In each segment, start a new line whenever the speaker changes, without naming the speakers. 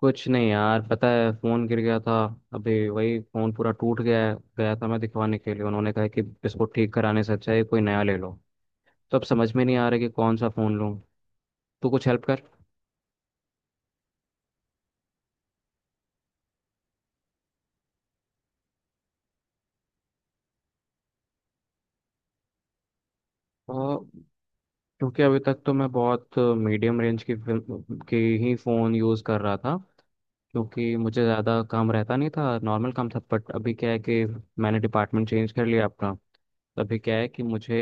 कुछ नहीं यार। पता है फोन गिर गया था। अभी वही फोन पूरा टूट गया है गया था। मैं दिखवाने के लिए, उन्होंने कहा कि इसको ठीक कराने से अच्छा है कोई नया ले लो। तो अब समझ में नहीं आ रहा कि कौन सा फोन लूँ। तू कुछ हेल्प कर। और क्योंकि अभी तक तो मैं बहुत मीडियम रेंज की फिल्म के ही फ़ोन यूज़ कर रहा था। क्योंकि मुझे ज़्यादा काम रहता नहीं था, नॉर्मल काम था। बट अभी क्या है कि मैंने डिपार्टमेंट चेंज कर लिया अपना। तो अभी क्या है कि मुझे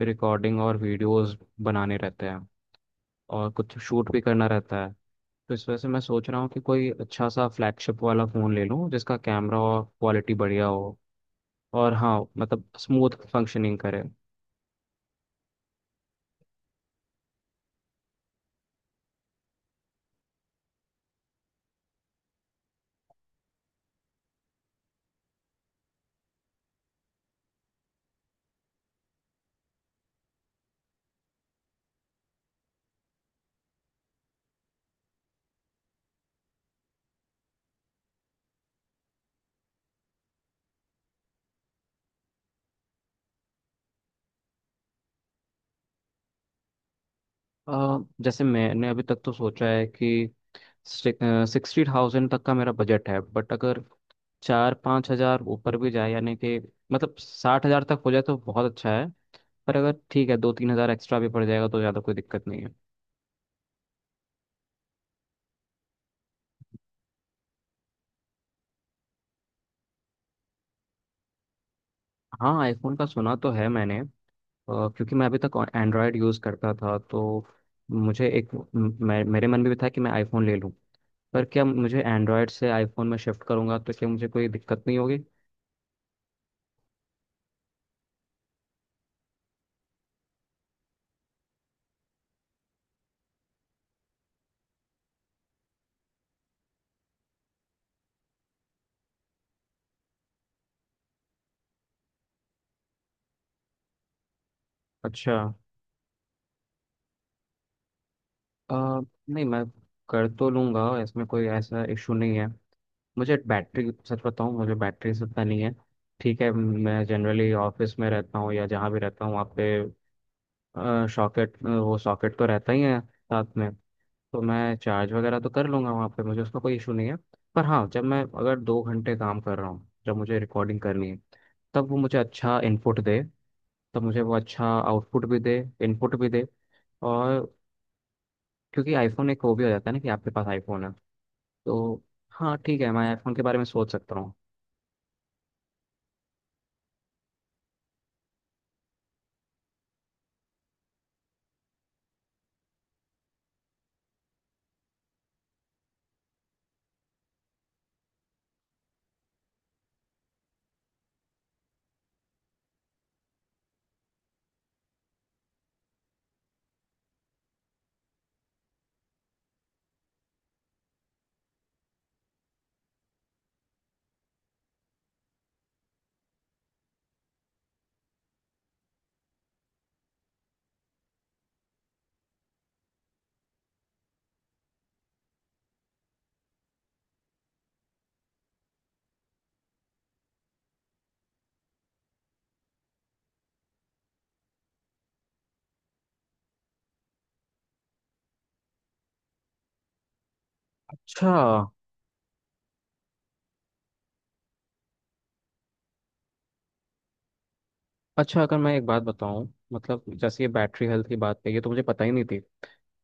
रिकॉर्डिंग और वीडियोस बनाने रहते हैं और कुछ शूट भी करना रहता है। तो इस वजह से मैं सोच रहा हूँ कि कोई अच्छा सा फ्लैगशिप वाला फ़ोन ले लूँ जिसका कैमरा और क्वालिटी बढ़िया हो। और हाँ, मतलब स्मूथ फंक्शनिंग करे। जैसे मैंने अभी तक तो सोचा है कि 60,000 तक का मेरा बजट है। बट अगर 4-5 हज़ार ऊपर भी जाए, यानी कि मतलब 60 हज़ार तक हो जाए तो बहुत अच्छा है। पर अगर ठीक है, 2-3 हज़ार एक्स्ट्रा भी पड़ जाएगा तो ज़्यादा कोई दिक्कत नहीं है। हाँ, आईफोन का सुना तो है मैंने। क्योंकि मैं अभी तक एंड्रॉयड यूज़ करता था। तो मुझे एक मेरे मन में भी था कि मैं आईफोन ले लूं। पर क्या, मुझे एंड्रॉयड से आईफोन में शिफ्ट करूंगा तो क्या मुझे कोई दिक्कत नहीं होगी? अच्छा। अ, नहीं, मैं कर तो लूंगा, इसमें कोई ऐसा इशू नहीं है। मुझे बैटरी, सच बताऊं, मुझे बैटरी से इतना नहीं है। ठीक है, मैं जनरली ऑफिस में रहता हूँ या जहाँ भी रहता हूँ वहाँ पे सॉकेट, वो सॉकेट तो रहता ही है साथ में। तो मैं चार्ज वगैरह तो कर लूंगा वहाँ पे, मुझे उसका कोई इशू नहीं है। पर हाँ, जब मैं अगर 2 घंटे काम कर रहा हूँ, जब मुझे रिकॉर्डिंग करनी है, तब वो मुझे अच्छा इनपुट दे, तब मुझे वो अच्छा आउटपुट भी दे, इनपुट भी दे। और क्योंकि आईफोन एक वो भी हो जाता है ना कि आपके पास आईफोन है। तो हाँ, ठीक है, मैं आईफोन के बारे में सोच सकता हूँ। अच्छा। अच्छा, अगर मैं एक बात बताऊँ, मतलब जैसे ये बैटरी हेल्थ की बात है, ये तो मुझे पता ही नहीं थी।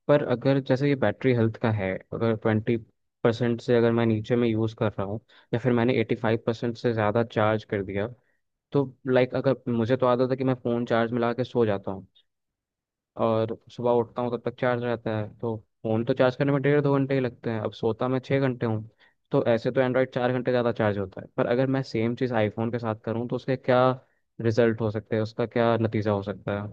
पर अगर जैसे ये बैटरी हेल्थ का है, अगर 20% से अगर मैं नीचे में यूज़ कर रहा हूँ, या फिर मैंने 85% से ज़्यादा चार्ज कर दिया। तो लाइक, अगर मुझे तो आदत है कि मैं फ़ोन चार्ज में लगा के सो जाता हूँ और सुबह उठता हूँ तब तक चार्ज रहता है। तो फ़ोन तो चार्ज करने में 1.5-2 घंटे ही लगते हैं। अब सोता मैं 6 घंटे हूँ। तो ऐसे तो एंड्रॉयड 4 घंटे ज़्यादा चार्ज होता है। पर अगर मैं सेम चीज़ आईफोन के साथ करूँ तो उसके क्या रिजल्ट हो सकते हैं, उसका क्या नतीजा हो सकता है?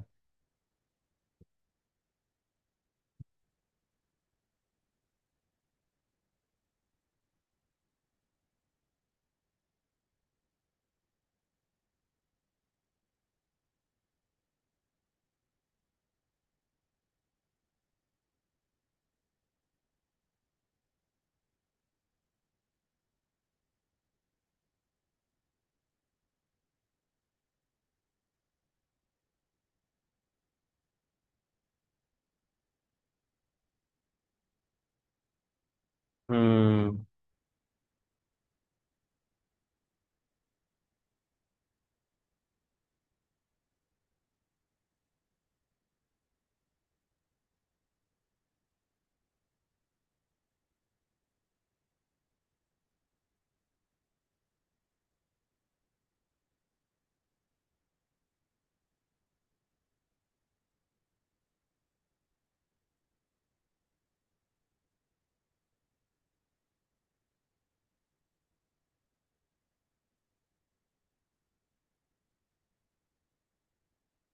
हम्म,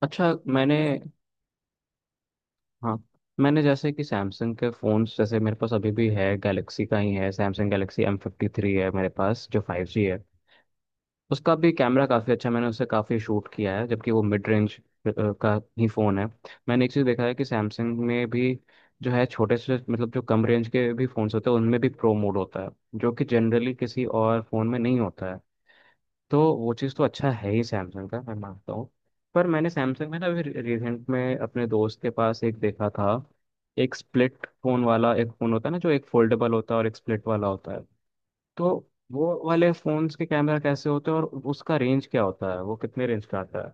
अच्छा। मैंने हाँ, मैंने जैसे कि सैमसंग के फ़ोन्स, जैसे मेरे पास अभी भी है, गैलेक्सी का ही है, सैमसंग गैलेक्सी M53 है मेरे पास, जो 5G है। उसका भी कैमरा काफ़ी अच्छा, मैंने उससे काफ़ी शूट किया है, जबकि वो मिड रेंज का ही फ़ोन है। मैंने एक चीज़ देखा है कि सैमसंग में भी जो है, छोटे से मतलब जो कम रेंज के भी फ़ोन्स होते हैं उनमें भी प्रो मोड होता है, जो कि जनरली किसी और फ़ोन में नहीं होता है। तो वो चीज़ तो अच्छा है ही सैमसंग का, मैं मानता हूँ। पर मैंने सैमसंग में ना अभी रिसेंट में अपने दोस्त के पास एक देखा था, एक स्प्लिट फोन वाला। एक फोन होता है ना जो एक फोल्डेबल होता है और एक स्प्लिट वाला होता है। तो वो वाले फोन्स के कैमरा कैसे होते हैं, और उसका रेंज क्या होता है, वो कितने रेंज का आता है?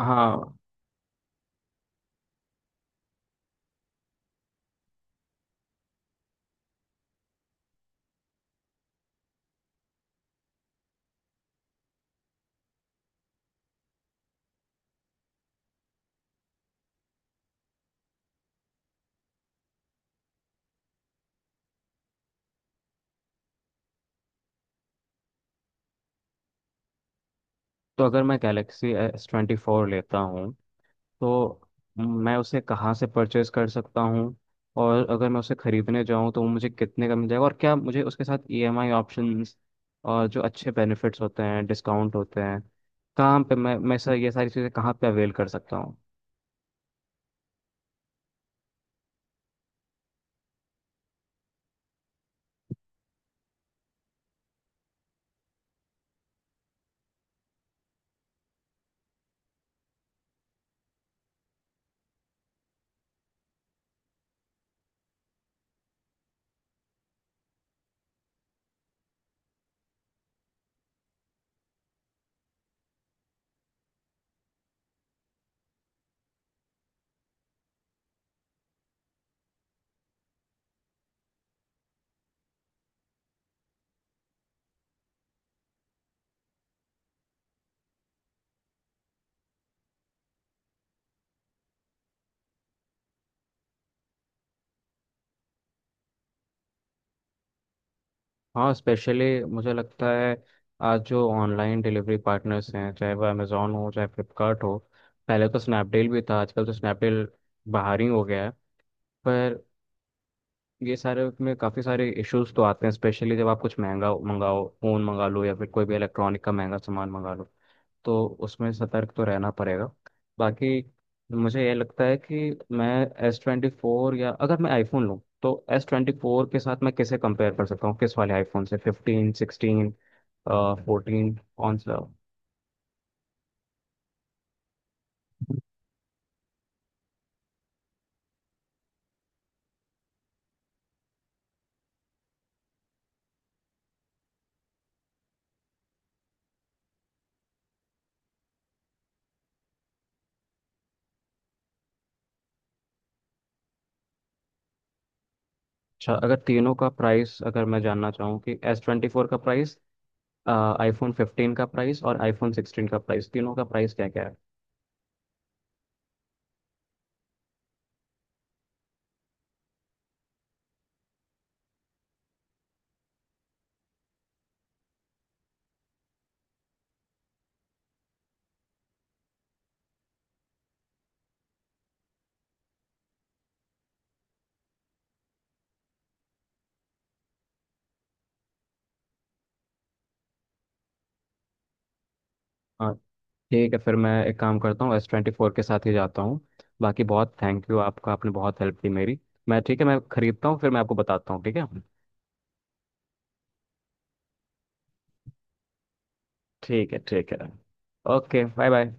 हाँ, तो अगर मैं गैलेक्सी S24 लेता हूँ तो मैं उसे कहाँ से परचेज कर सकता हूँ, और अगर मैं उसे खरीदने जाऊँ तो वो मुझे कितने का मिल जाएगा, और क्या मुझे उसके साथ EMI ऑप्शंस और जो अच्छे बेनिफिट्स होते हैं, डिस्काउंट होते हैं, कहाँ पे मैं सर, ये सारी चीज़ें कहाँ पे अवेल कर सकता हूँ? हाँ, स्पेशली मुझे लगता है आज जो ऑनलाइन डिलीवरी पार्टनर्स हैं, चाहे वो अमेज़ोन हो चाहे फ्लिपकार्ट हो, पहले तो स्नैपडील भी था, आजकल तो स्नैपडील बाहर ही हो गया है। पर ये सारे में काफ़ी सारे इश्यूज तो आते हैं, स्पेशली जब आप कुछ महंगा मंगाओ, फ़ोन मंगा लो या फिर कोई भी इलेक्ट्रॉनिक का महंगा सामान मंगा लो, तो उसमें सतर्क तो रहना पड़ेगा। बाकी मुझे ये लगता है कि मैं S24, या अगर मैं आईफोन लूँ तो S24 के साथ मैं किसे कंपेयर कर सकता हूँ, किस वाले आईफोन से, 15, 16, 14, कौन सा? अच्छा, अगर तीनों का प्राइस अगर मैं जानना चाहूँ कि S24 का प्राइस, आईफोन 15 का प्राइस और आईफोन 16 का प्राइस, तीनों का प्राइस क्या क्या है? ठीक है, फिर मैं एक काम करता हूँ, S24 के साथ ही जाता हूँ। बाकी बहुत थैंक यू आपका, आपने बहुत हेल्प की मेरी। मैं ठीक है, मैं खरीदता हूँ, फिर मैं आपको बताता हूँ। ठीक है। ठीक है। ठीक है, ओके, बाय बाय।